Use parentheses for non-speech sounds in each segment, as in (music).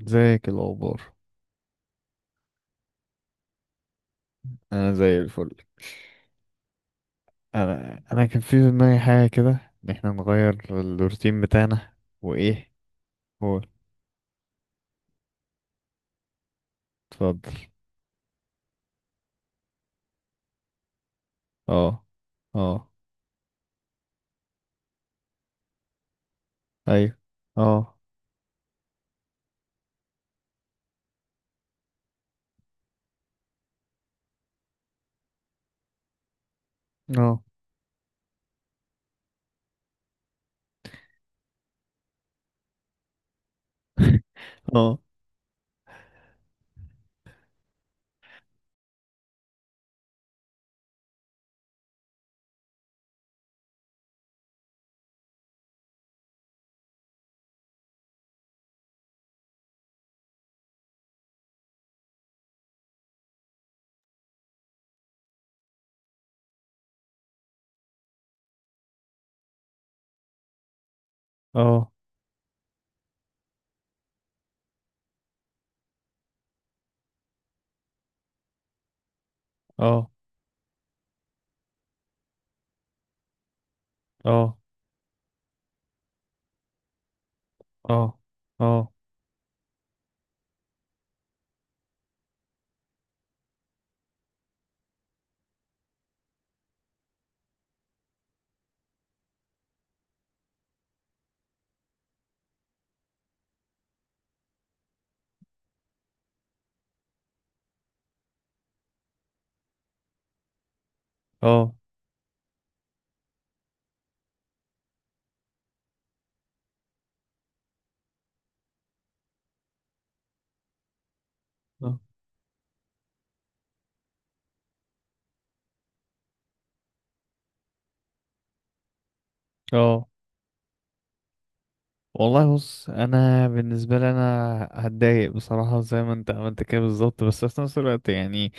ازيك الاخبار؟ انا زي الفل. انا كان في دماغي حاجه كده، ان احنا نغير الروتين بتاعنا. وايه؟ هو اتفضل. اه. اه. ايوه. اه. اه. (laughs) اه. اه. اه. اه. اه. اه. اه. اه. اه. والله، بص، انا بالنسبه لي انا هتضايق بصراحه زي ما انت عملت كده بالظبط، بس في نفس الوقت يعني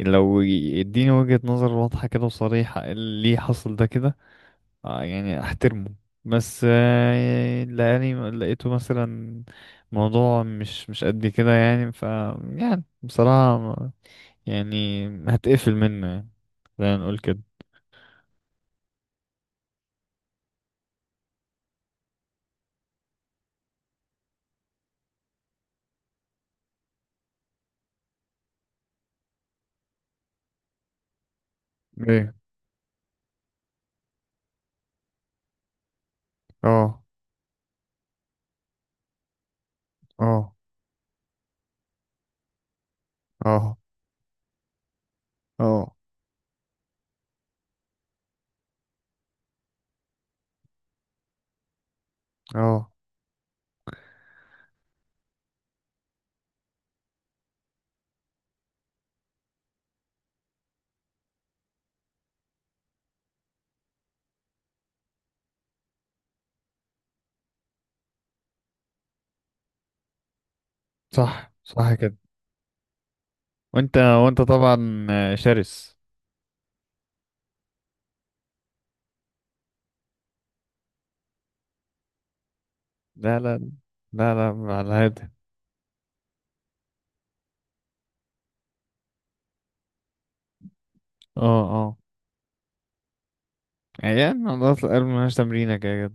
لو يديني وجهه نظر واضحه كده وصريحه إيه اللي حصل ده كده، اه يعني احترمه. بس لاني لقيته مثلا موضوع مش قد كده يعني يعني بصراحة يعني هتقفل منه يعني. خلينا نقول كده. ايه. اه. اه. اه. اه. اه. صح، صح كده. وانت طبعا شرس. لا، لا، لا، لا على هذا. اه. اه. يعني عضلات القلب ملهاش تمرينة كده كده.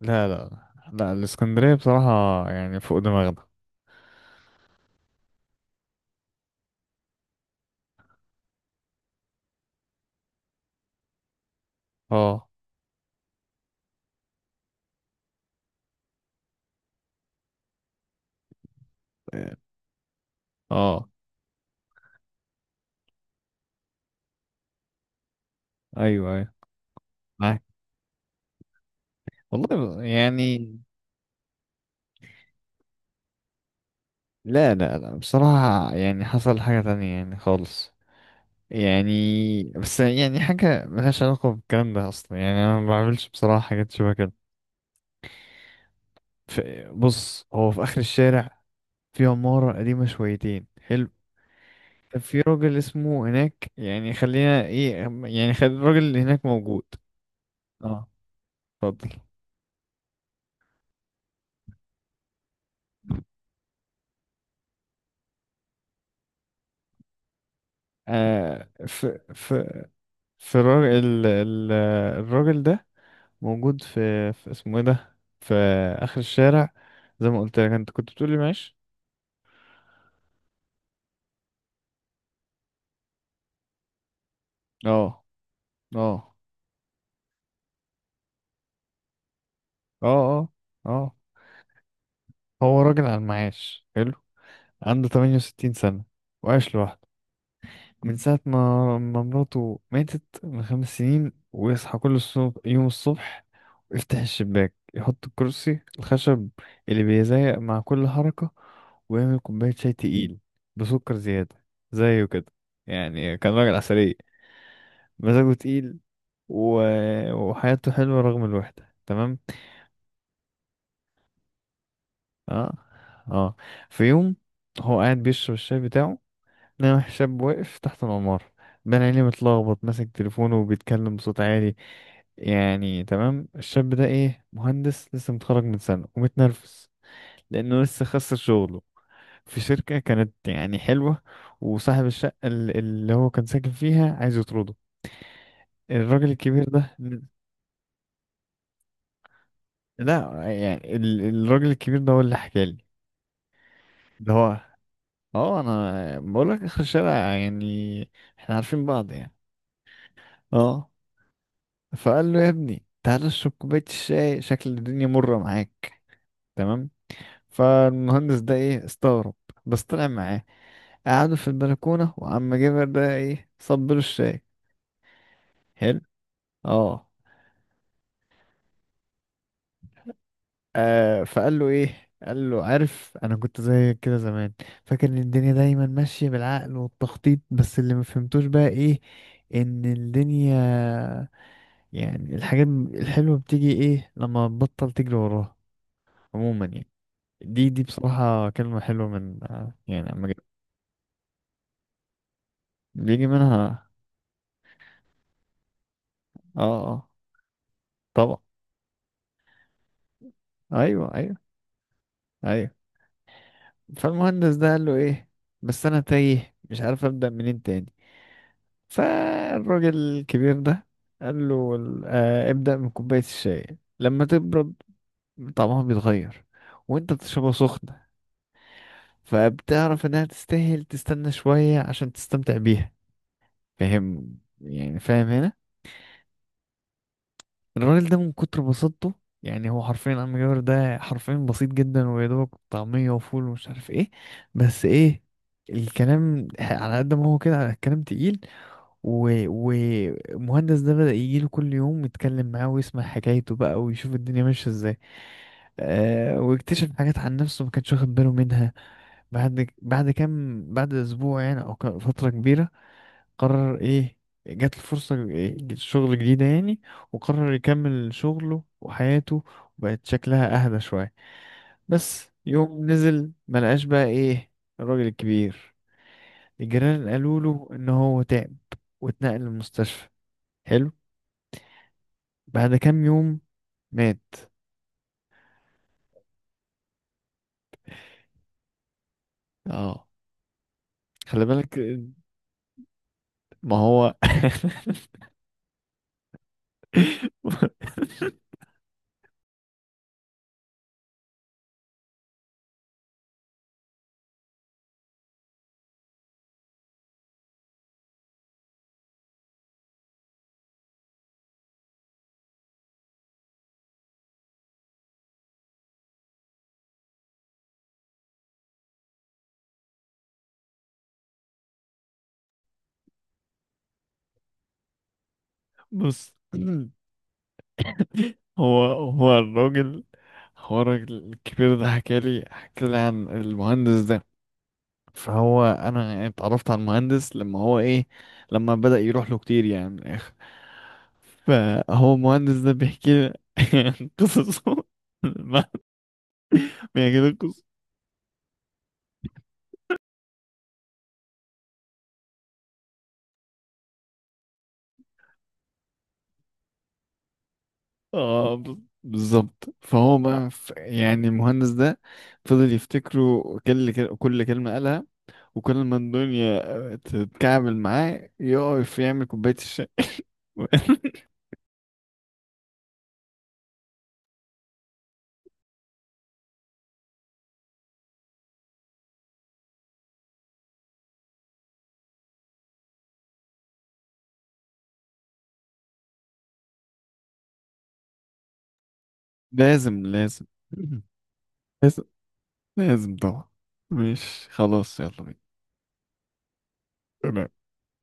لا، لا، لا، الاسكندرية بصراحة يعني فوق دماغنا. اه. اه. ايوه، ايوه، معاك والله يعني. لا، لا، لا، بصراحة يعني حصل حاجة تانية يعني خالص. يعني بس يعني حاجة ملهاش علاقة بالكلام ده أصلا، يعني أنا ما بعملش بصراحة حاجات شبه كده. ف- بص، هو في آخر الشارع، في عمارة قديمة شويتين حلو. كان في راجل اسمه هناك، يعني خلينا ايه، يعني خلي الراجل اللي هناك موجود. اه. اتفضل. آه في في في الراجل الراجل ده موجود، في اسمه ايه ده، في اخر الشارع، زي ما قلت لك انت كنت بتقولي معاش. اه. اه. اه. اه. اه. هو راجل على المعاش، حلو. عنده 68 سنة وعايش لوحده من ساعة ما مراته ماتت من 5 سنين. ويصحى كل الصبح يوم الصبح، ويفتح الشباك، يحط الكرسي الخشب اللي بيزيق مع كل حركة، ويعمل كوباية شاي تقيل بسكر زيادة زيه كده. يعني كان راجل عسلية، مزاجه تقيل، و... وحياته حلوة رغم الوحدة، تمام. اه. اه. في يوم، هو قاعد بيشرب الشاي بتاعه، لقى شاب واقف تحت العمارة، بين عينيه متلخبط، ماسك تليفونه وبيتكلم بصوت عالي. يعني تمام، الشاب ده ايه، مهندس لسه متخرج من سنة ومتنرفز لأنه لسه خسر شغله في شركة كانت يعني حلوة. وصاحب الشقة اللي هو كان ساكن فيها عايز يطرده، الراجل الكبير ده. لا، يعني الراجل الكبير ده هو اللي حكالي. ده هو. اه، انا بقول لك اخر الشارع يعني احنا عارفين بعض يعني. اه. فقال له: يا ابني، تعالى اشرب كوبايه الشاي، شكل الدنيا مره معاك. تمام. فالمهندس ده ايه، استغرب بس طلع معاه. قعدوا في البلكونه، وعم جابر ده ايه، صب له الشاي. حلو. اه. فقال له ايه، قال له: عارف، انا كنت زي كده زمان، فاكر ان الدنيا دايما ماشيه بالعقل والتخطيط، بس اللي ما فهمتوش بقى ايه، ان الدنيا يعني الحاجات الحلوة بتيجي ايه لما تبطل تجري وراها، عموما يعني. دي بصراحة كلمة حلوة من يعني بيجي منها. اه. اه. طبعا. ايوه، ايوه، ايوه. فالمهندس ده قال له ايه: بس انا تايه مش عارف ابدأ منين تاني. فالراجل الكبير ده قال له: ابدأ من كوباية الشاي، لما تبرد طعمها بيتغير، وانت بتشربها سخنة فبتعرف انها تستاهل تستنى شوية عشان تستمتع بيها. فاهم؟ يعني فاهم هنا؟ الراجل ده من كتر بساطته، يعني هو حرفيا عم جابر ده حرفيا بسيط جدا ويا دوبك طعمية وفول ومش عارف ايه. بس ايه، الكلام على قد ما هو كده على الكلام تقيل. و- ومهندس ده بدأ يجيله كل يوم يتكلم معاه ويسمع حكايته بقى ويشوف الدنيا ماشية ازاي. آه، واكتشف حاجات عن نفسه ما كانش واخد باله منها. بعد كام بعد اسبوع يعني، او فترة كبيرة، قرر ايه، جات له فرصة شغل جديدة يعني. وقرر يكمل شغله وحياته، وبقت شكلها اهدى شوية. بس يوم نزل ملقاش بقى ايه الراجل الكبير. الجيران قالوا له ان هو تعب واتنقل المستشفى. حلو. بعد كام يوم مات. اه. خلي بالك. ما هو. (laughs) بص، هو الراجل، هو الراجل الكبير ده حكى لي، حكى لي عن المهندس ده. فهو انا يعني اتعرفت على المهندس لما هو ايه، لما بدأ يروح له كتير يعني من الاخر. فهو المهندس ده بيحكي لي (laughs) قصصه (laughs) ما بيحكي لي قصص. اه. بالظبط. فهو بقى يعني المهندس ده فضل يفتكره، كل كلمة قالها، وكل ما الدنيا تتكعبل معاه يقف يعمل كوباية الشاي. (laughs) لازم، لازم. لازم طبعا. مش خلاص، يلا بينا.